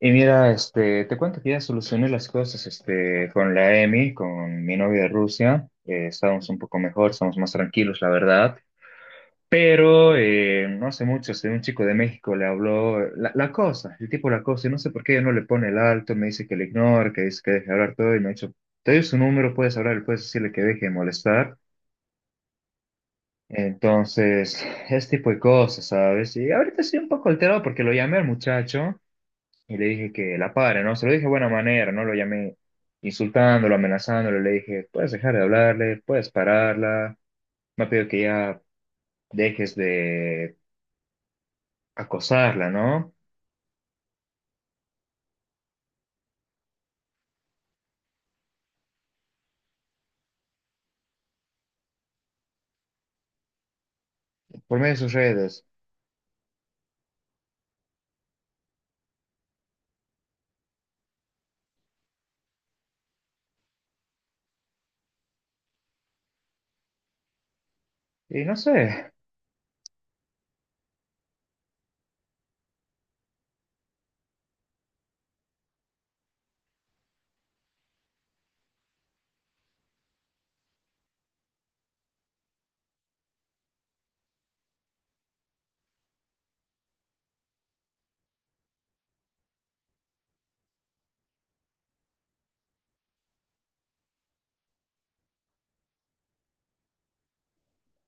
Y mira, te cuento que ya solucioné las cosas, con la Emi, con mi novia de Rusia. Estábamos un poco mejor, estamos más tranquilos, la verdad. Pero no hace mucho, un chico de México le habló, la cosa, el tipo la cosa, y no sé por qué ella no le pone el alto, me dice que le ignore, que dice que deje de hablar todo, y me ha dicho, te doy su número, puedes hablar, puedes decirle que deje de molestar. Entonces, ese tipo de cosas, ¿sabes? Y ahorita estoy un poco alterado porque lo llamé al muchacho y le dije que la pare, ¿no? Se lo dije de buena manera, ¿no? Lo llamé insultándolo, amenazándolo, le dije, puedes dejar de hablarle, puedes pararla, me ha pedido que ya dejes de acosarla, ¿no? Por medio de sus redes. Y no sé,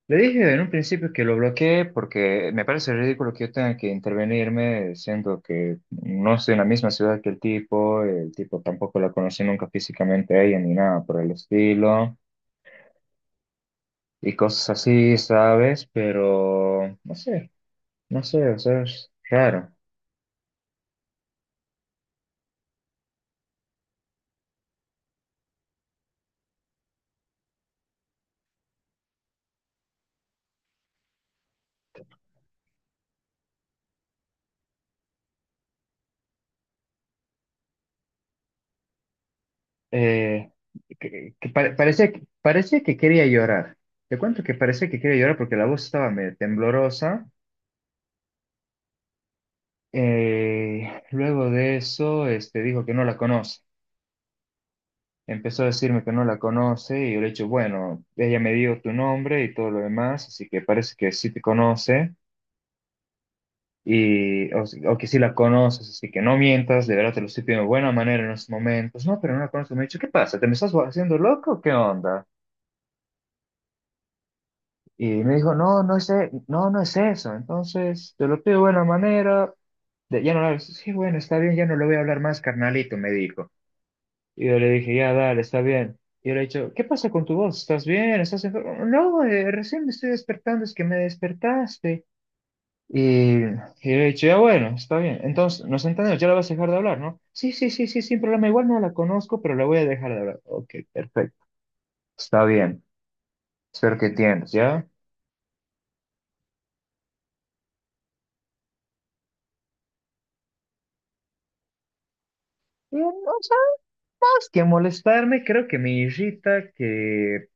le dije en un principio que lo bloqueé porque me parece ridículo que yo tenga que intervenirme, siendo que no estoy en la misma ciudad que el tipo tampoco la conocí nunca físicamente a ella ni nada por el estilo y cosas así, ¿sabes? Pero no sé. No sé, o sea, es raro. Eh, Parecía, parecía que quería llorar. Te cuento que parecía que quería llorar porque la voz estaba medio temblorosa. Luego de eso, dijo que no la conoce. Empezó a decirme que no la conoce y yo le he dicho, bueno, ella me dio tu nombre y todo lo demás, así que parece que sí te conoce y, o, si- o que sí la conoces, así que no mientas, de verdad te lo estoy pidiendo de buena manera en estos momentos. No, pero no la conozco. Me ha dicho, ¿qué pasa? ¿Te me estás haciendo loco? ¿Qué onda? Y me dijo, no, no es, no, no es eso. Entonces, te lo pido de buena manera. De- ya no, lo- Sí, bueno, está bien, ya no lo voy a hablar más, carnalito, me dijo. Y yo le dije, ya, dale, está bien. Y yo le he dicho, ¿qué pasa con tu voz? ¿Estás bien? ¿Estás enfermo? No, recién me estoy despertando, es que me despertaste. Y, yo le he dicho, ya, bueno, está bien. Entonces, nos entendemos, ya la vas a dejar de hablar, ¿no? Sí, sí, sí, sí, sin problema. Igual no la conozco, pero la voy a dejar de hablar. Ok, perfecto. Está bien. Espero que entiendas, ¿ya? Y no más que molestarme, creo que me irrita que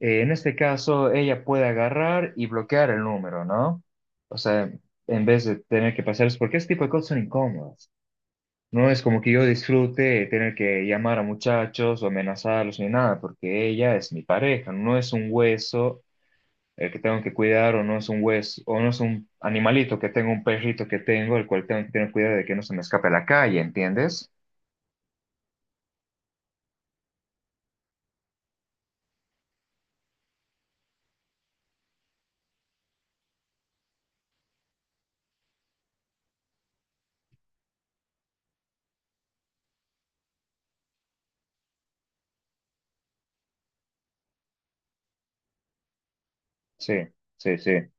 en este caso ella puede agarrar y bloquear el número, ¿no? O sea, en vez de tener que pasar, es porque este tipo de cosas son incómodas. No es como que yo disfrute tener que llamar a muchachos o amenazarlos ni nada, porque ella es mi pareja, no es un hueso el que tengo que cuidar o no es un hueso o no es un animalito que tengo, un perrito que tengo, el cual tengo que tener cuidado de que no se me escape a la calle, ¿entiendes? Sí, sí, sí,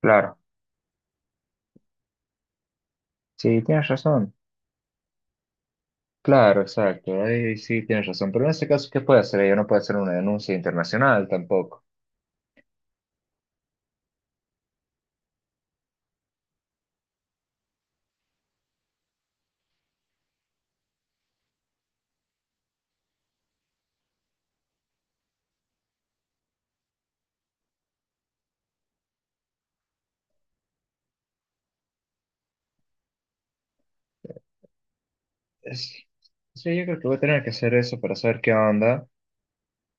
claro. Sí, tienes razón. Claro, exacto. Ahí sí tienes razón. Pero en este caso, ¿qué puede hacer? Ella no puede hacer una denuncia internacional tampoco. Es- sí, yo creo que voy a tener que hacer eso para saber qué onda.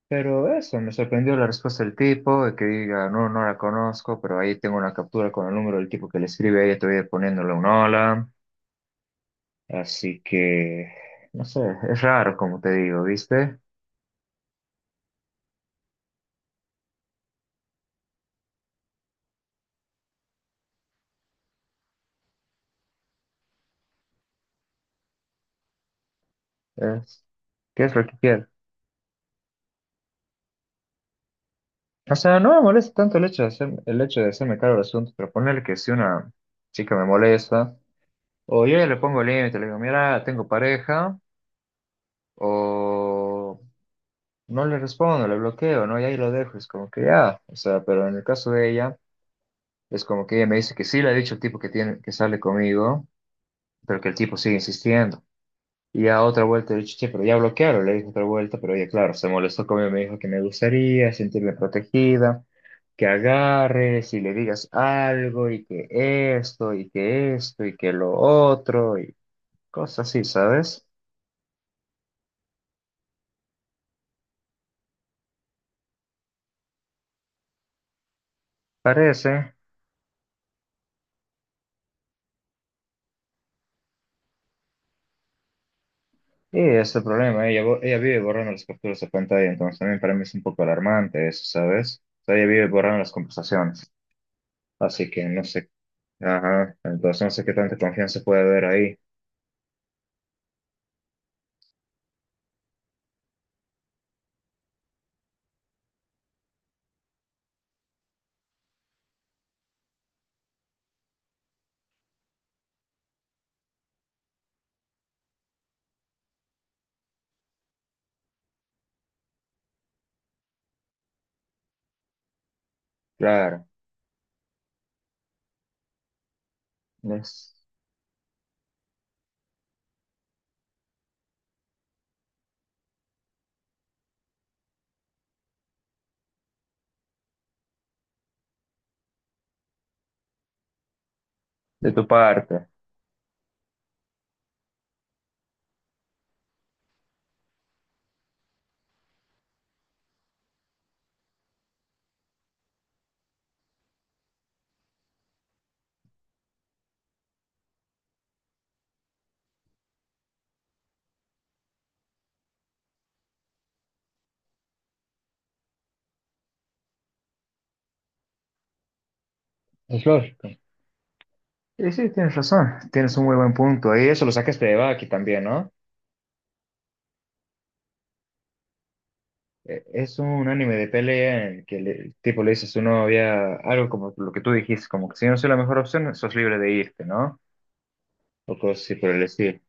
Pero eso, me sorprendió la respuesta del tipo, de que diga, no, no la conozco, pero ahí tengo una captura con el número del tipo que le escribe, ella todavía poniéndole un hola. Así que, no sé, es raro como te digo, ¿viste? Es, ¿qué es lo que quiere? O sea, no me molesta tanto el hecho de hacer, el hecho de hacerme cargo del asunto, pero ponerle que si una chica me molesta. O yo ya le pongo límite, le digo, mira, tengo pareja, o no le respondo, le bloqueo, ¿no? Y ahí lo dejo, es como que ya, o sea, pero en el caso de ella, es como que ella me dice que sí le ha dicho el tipo que tiene, que sale conmigo, pero que el tipo sigue insistiendo. Y ya otra vuelta le he dicho, che, pero ya bloquearon, le dije otra vuelta, pero ella, claro, se molestó conmigo, me dijo que me gustaría sentirme protegida, que agarres y le digas algo, y que esto, y que esto, y que lo otro, y cosas así, ¿sabes? Parece. Sí, es el problema. Ella vive borrando las capturas de pantalla, entonces también para mí es un poco alarmante eso, ¿sabes? O sea, ella vive borrando las conversaciones. Así que no sé, ajá, entonces no sé qué tanta confianza puede haber ahí. Claro, es de tu parte. Es lógico. Y sí, tienes razón, tienes un muy buen punto. Y eso lo sacaste de Baki también, ¿no? Es un anime de pelea en el que el tipo le dice a su novia algo como lo que tú dijiste, como que si no soy la mejor opción, sos libre de irte, ¿no? O cosas así por el estilo.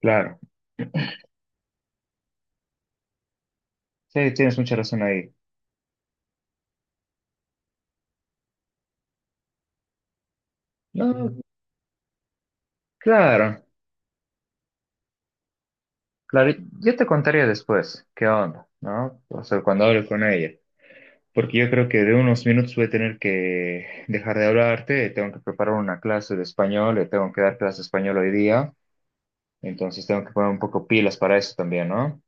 Claro. Sí, tienes mucha razón ahí. No, claro, claro. Yo te contaría después qué onda, ¿no? O sea, cuando hable con ella. Porque yo creo que de unos minutos voy a tener que dejar de hablarte, tengo que preparar una clase de español, le tengo que dar clase de español hoy día, entonces tengo que poner un poco pilas para eso también, ¿no?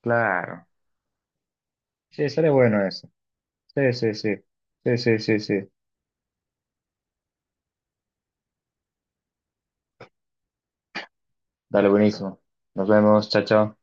Claro. Sí, sale bueno eso. Sí, sí, sí. Sí, sí, sí, sí. Dale, buenísimo. Nos vemos, chao, chao.